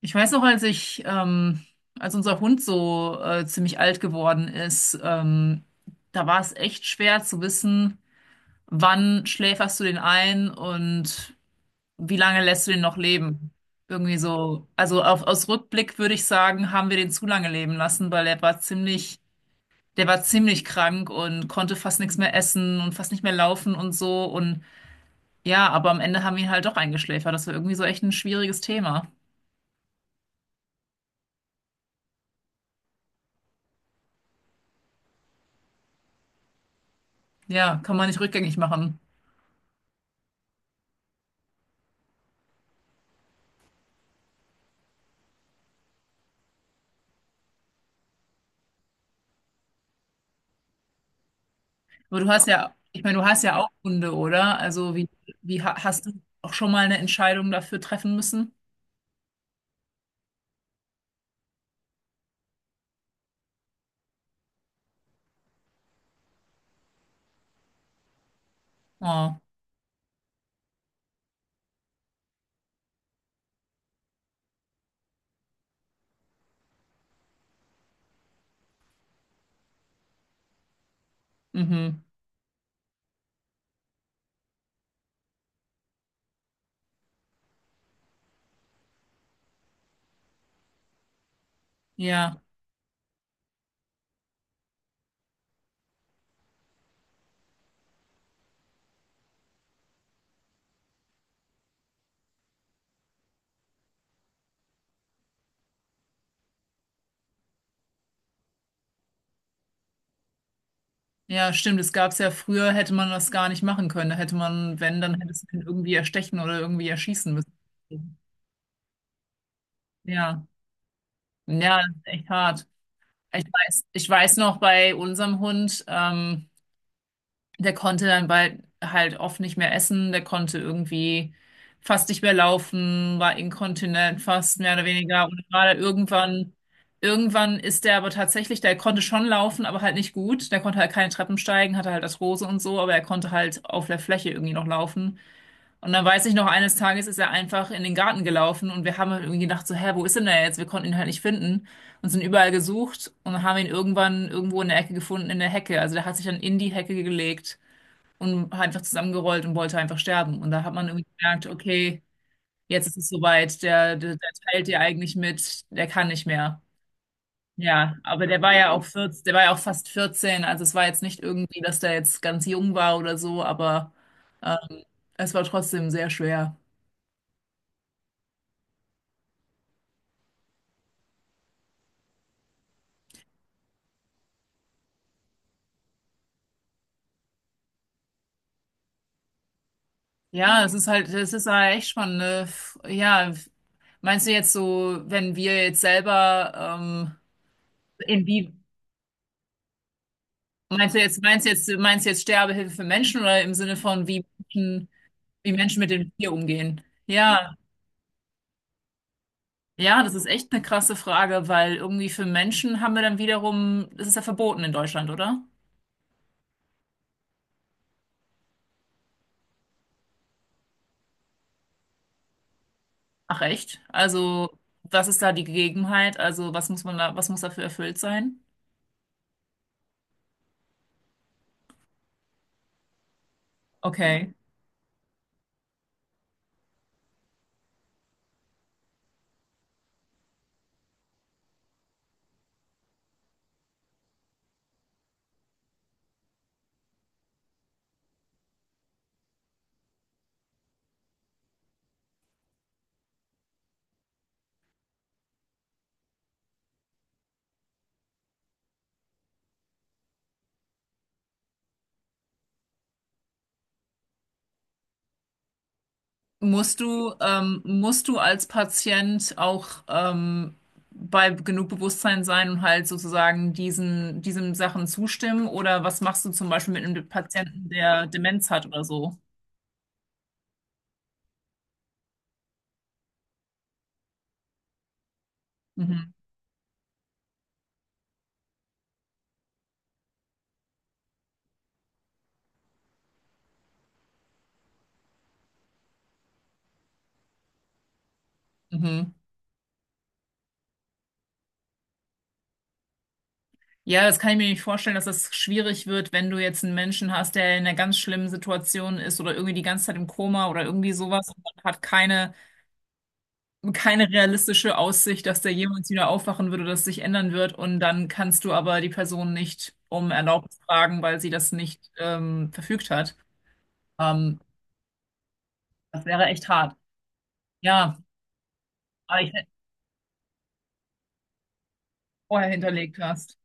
Ich weiß noch, als als unser Hund so ziemlich alt geworden ist, da war es echt schwer zu wissen, wann schläferst du den ein und wie lange lässt du den noch leben. Irgendwie so, also auf, aus Rückblick würde ich sagen, haben wir den zu lange leben lassen, weil der war ziemlich krank und konnte fast nichts mehr essen und fast nicht mehr laufen und so. Und ja, aber am Ende haben wir ihn halt doch eingeschläfert. Das war irgendwie so echt ein schwieriges Thema. Ja, kann man nicht rückgängig machen. Aber du hast ja, ich meine, du hast ja auch Hunde, oder? Also hast du auch schon mal eine Entscheidung dafür treffen müssen? Oh, mhm. Ja, ja, stimmt. Das gab es ja früher, hätte man das gar nicht machen können. Da hätte man, wenn, dann hättest du ihn irgendwie erstechen oder irgendwie erschießen müssen. Ja, ja, das ist echt hart. Ich weiß noch bei unserem Hund, der konnte dann bald halt oft nicht mehr essen, der konnte irgendwie fast nicht mehr laufen, war inkontinent fast mehr oder weniger und war dann irgendwann ist der aber tatsächlich, der konnte schon laufen, aber halt nicht gut, der konnte halt keine Treppen steigen, hatte halt Arthrose und so, aber er konnte halt auf der Fläche irgendwie noch laufen. Und dann weiß ich noch, eines Tages ist er einfach in den Garten gelaufen und wir haben halt irgendwie gedacht so, hä, wo ist denn der jetzt? Wir konnten ihn halt nicht finden und sind überall gesucht und haben ihn irgendwann irgendwo in der Ecke gefunden, in der Hecke. Also der hat sich dann in die Hecke gelegt und hat einfach zusammengerollt und wollte einfach sterben. Und da hat man irgendwie gemerkt, okay, jetzt ist es soweit, der teilt dir eigentlich mit, der kann nicht mehr. Ja, aber der war ja auch 14, der war ja auch fast vierzehn, also es war jetzt nicht irgendwie, dass der jetzt ganz jung war oder so, aber ähm, es war trotzdem sehr schwer. Ja, es ist halt echt spannend, ne? Ja, meinst du jetzt so, wenn wir jetzt selber, ähm, inwie, meinst du jetzt, meinst du jetzt Sterbehilfe für Menschen oder im Sinne von, wie Menschen mit dem Tier umgehen? Ja, ja, das ist echt eine krasse Frage, weil irgendwie für Menschen haben wir dann wiederum, das ist ja verboten in Deutschland, oder? Ach echt? Also, was ist da die Gegebenheit? Also, was muss man da, was muss dafür erfüllt sein? Okay. Musst du als Patient auch bei genug Bewusstsein sein und halt sozusagen diesen Sachen zustimmen? Oder was machst du zum Beispiel mit einem Patienten, der Demenz hat oder so? Mhm. Mhm. Ja, das kann ich mir nicht vorstellen, dass das schwierig wird, wenn du jetzt einen Menschen hast, der in einer ganz schlimmen Situation ist oder irgendwie die ganze Zeit im Koma oder irgendwie sowas und man hat keine realistische Aussicht, dass der jemals wieder aufwachen würde, dass sich ändern wird. Und dann kannst du aber die Person nicht um Erlaubnis fragen, weil sie das nicht verfügt hat. Ähm, das wäre echt hart. Ja, aber ich vorher hinterlegt hast.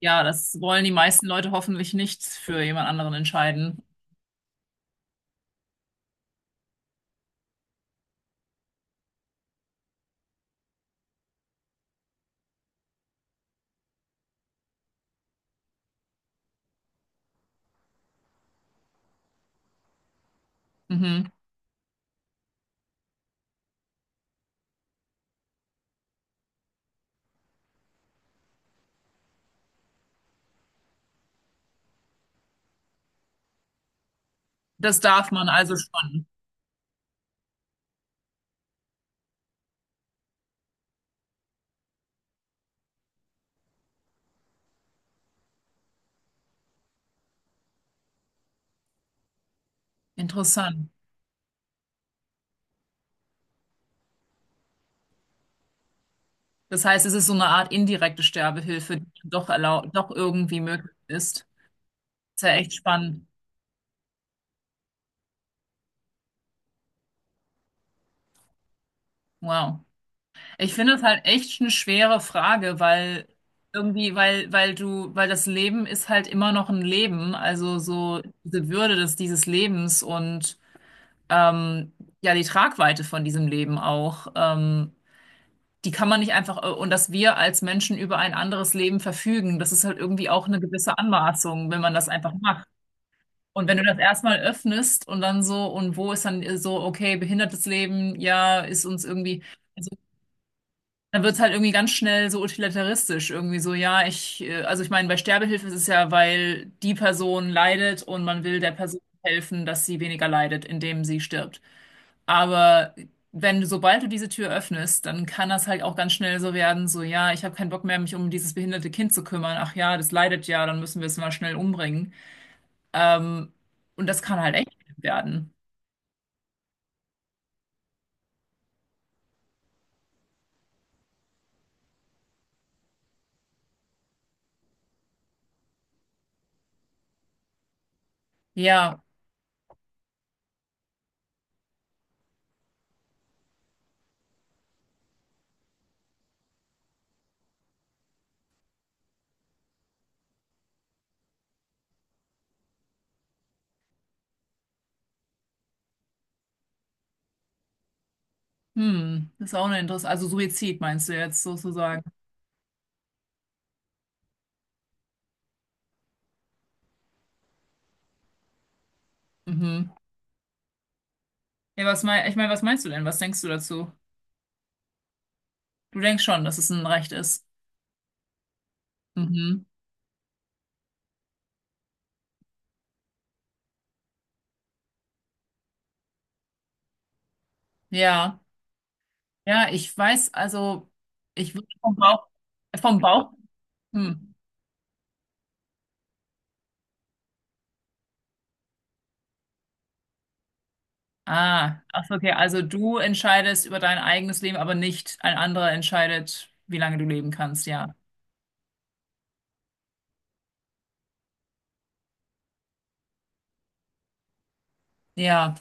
Ja, das wollen die meisten Leute hoffentlich nicht für jemand anderen entscheiden. Mhm. Das darf man also schon. Interessant. Das heißt, es ist so eine Art indirekte Sterbehilfe, die doch erlaubt, doch irgendwie möglich ist. Ist ja echt spannend. Wow. Ich finde es halt echt eine schwere Frage, weil irgendwie, weil das Leben ist halt immer noch ein Leben, also so diese Würde des, dieses Lebens und ähm, ja, die Tragweite von diesem Leben auch, die kann man nicht einfach, und dass wir als Menschen über ein anderes Leben verfügen, das ist halt irgendwie auch eine gewisse Anmaßung, wenn man das einfach macht. Und wenn du das erstmal öffnest und dann so, und wo ist dann so, okay, behindertes Leben, ja, ist uns irgendwie. Dann wird es halt irgendwie ganz schnell so utilitaristisch. Irgendwie so, ja, also ich meine, bei Sterbehilfe ist es ja, weil die Person leidet und man will der Person helfen, dass sie weniger leidet, indem sie stirbt. Aber wenn du, sobald du diese Tür öffnest, dann kann das halt auch ganz schnell so werden, so, ja, ich habe keinen Bock mehr, mich um dieses behinderte Kind zu kümmern. Ach ja, das leidet ja, dann müssen wir es mal schnell umbringen. Ähm, und das kann halt echt schlimm werden. Ja, hm, das ist auch eine Interesse. Also Suizid meinst du jetzt sozusagen? Mhm. Ja, was mein, ich meine, was meinst du denn? Was denkst du dazu? Du denkst schon, dass es ein Recht ist. Mhm. Ja. Ja, ich weiß, also ich würde vom Bauch, vom Bauch. Hm. Ah, ach, so, okay. Also du entscheidest über dein eigenes Leben, aber nicht ein anderer entscheidet, wie lange du leben kannst, ja. Ja.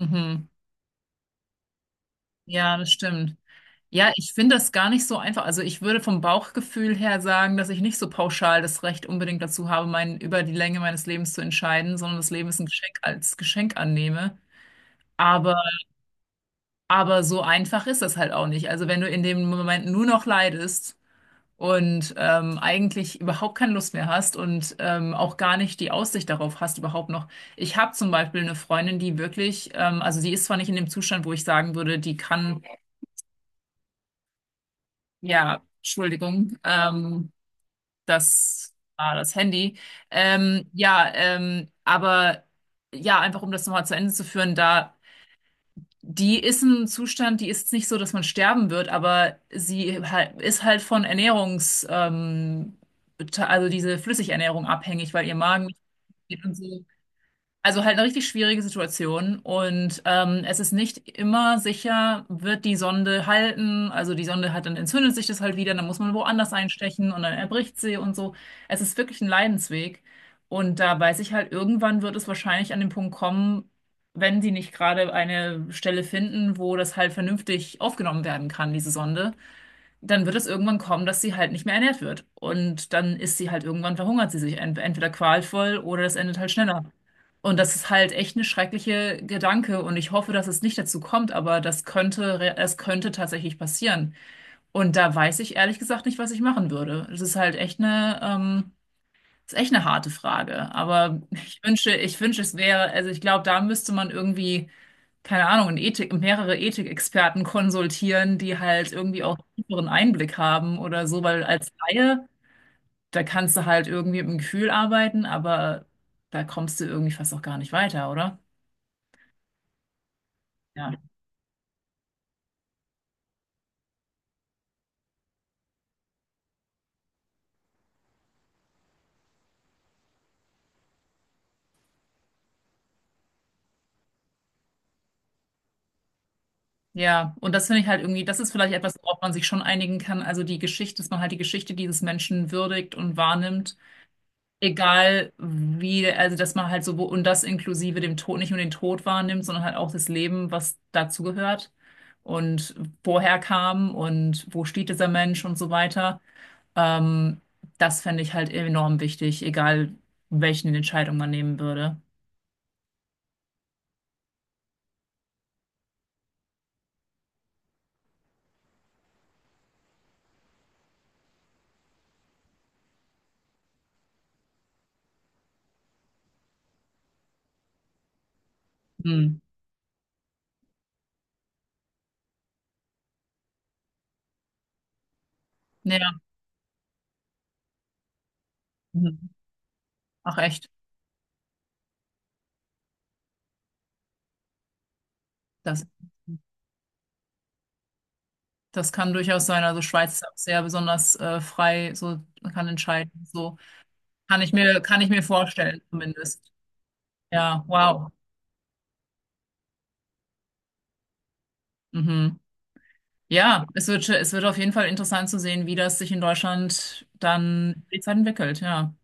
Mhm. Ja, das stimmt. Ja, ich finde das gar nicht so einfach. Also ich würde vom Bauchgefühl her sagen, dass ich nicht so pauschal das Recht unbedingt dazu habe, mein, über die Länge meines Lebens zu entscheiden, sondern das Leben ist ein Geschenk als Geschenk annehme. Aber, aber so einfach ist das halt auch nicht. Also wenn du in dem Moment nur noch leidest und eigentlich überhaupt keine Lust mehr hast und auch gar nicht die Aussicht darauf hast, überhaupt noch. Ich habe zum Beispiel eine Freundin, die wirklich, also die ist zwar nicht in dem Zustand, wo ich sagen würde, die kann. Ja, Entschuldigung, das war das Handy. Ja, aber ja, einfach um das nochmal zu Ende zu führen, da die ist im Zustand, die ist nicht so, dass man sterben wird, aber sie halt, ist halt von also diese Flüssigernährung abhängig, weil ihr Magen nicht geht und so. Also halt eine richtig schwierige Situation und es ist nicht immer sicher, wird die Sonde halten. Also die Sonde hat dann entzündet sich das halt wieder, dann muss man woanders einstechen und dann erbricht sie und so. Es ist wirklich ein Leidensweg und da weiß ich halt, irgendwann wird es wahrscheinlich an den Punkt kommen, wenn sie nicht gerade eine Stelle finden, wo das halt vernünftig aufgenommen werden kann, diese Sonde, dann wird es irgendwann kommen, dass sie halt nicht mehr ernährt wird. Und dann ist sie halt irgendwann verhungert sie sich entweder qualvoll oder das endet halt schneller. Und das ist halt echt eine schreckliche Gedanke und ich hoffe, dass es nicht dazu kommt, aber das es könnte tatsächlich passieren. Und da weiß ich ehrlich gesagt nicht, was ich machen würde. Es ist halt echt eine, ist echt eine harte Frage. Aber ich wünsche, es wäre, also ich glaube, da müsste man irgendwie, keine Ahnung, in Ethik, mehrere Ethikexperten konsultieren, die halt irgendwie auch tieferen Einblick haben oder so, weil als Laie, da kannst du halt irgendwie mit dem Gefühl arbeiten, aber da kommst du irgendwie fast auch gar nicht weiter, oder? Ja. Ja, und das finde ich halt irgendwie, das ist vielleicht etwas, worauf man sich schon einigen kann. Also die Geschichte, dass man halt die Geschichte dieses Menschen würdigt und wahrnimmt. Egal wie, also dass man halt so, wo, und das inklusive dem Tod, nicht nur den Tod wahrnimmt, sondern halt auch das Leben, was dazugehört und woher kam und wo steht dieser Mensch und so weiter. Ähm, das fände ich halt enorm wichtig, egal welchen Entscheidung man nehmen würde. Hm. Ja, mhm. Ach echt, das, das kann durchaus sein. Also Schweiz ist ja auch sehr besonders frei, so man kann entscheiden. So kann ich kann ich mir vorstellen, zumindest. Ja, wow. Mhm. Ja, es wird auf jeden Fall interessant zu sehen, wie das sich in Deutschland dann die Zeit entwickelt, ja.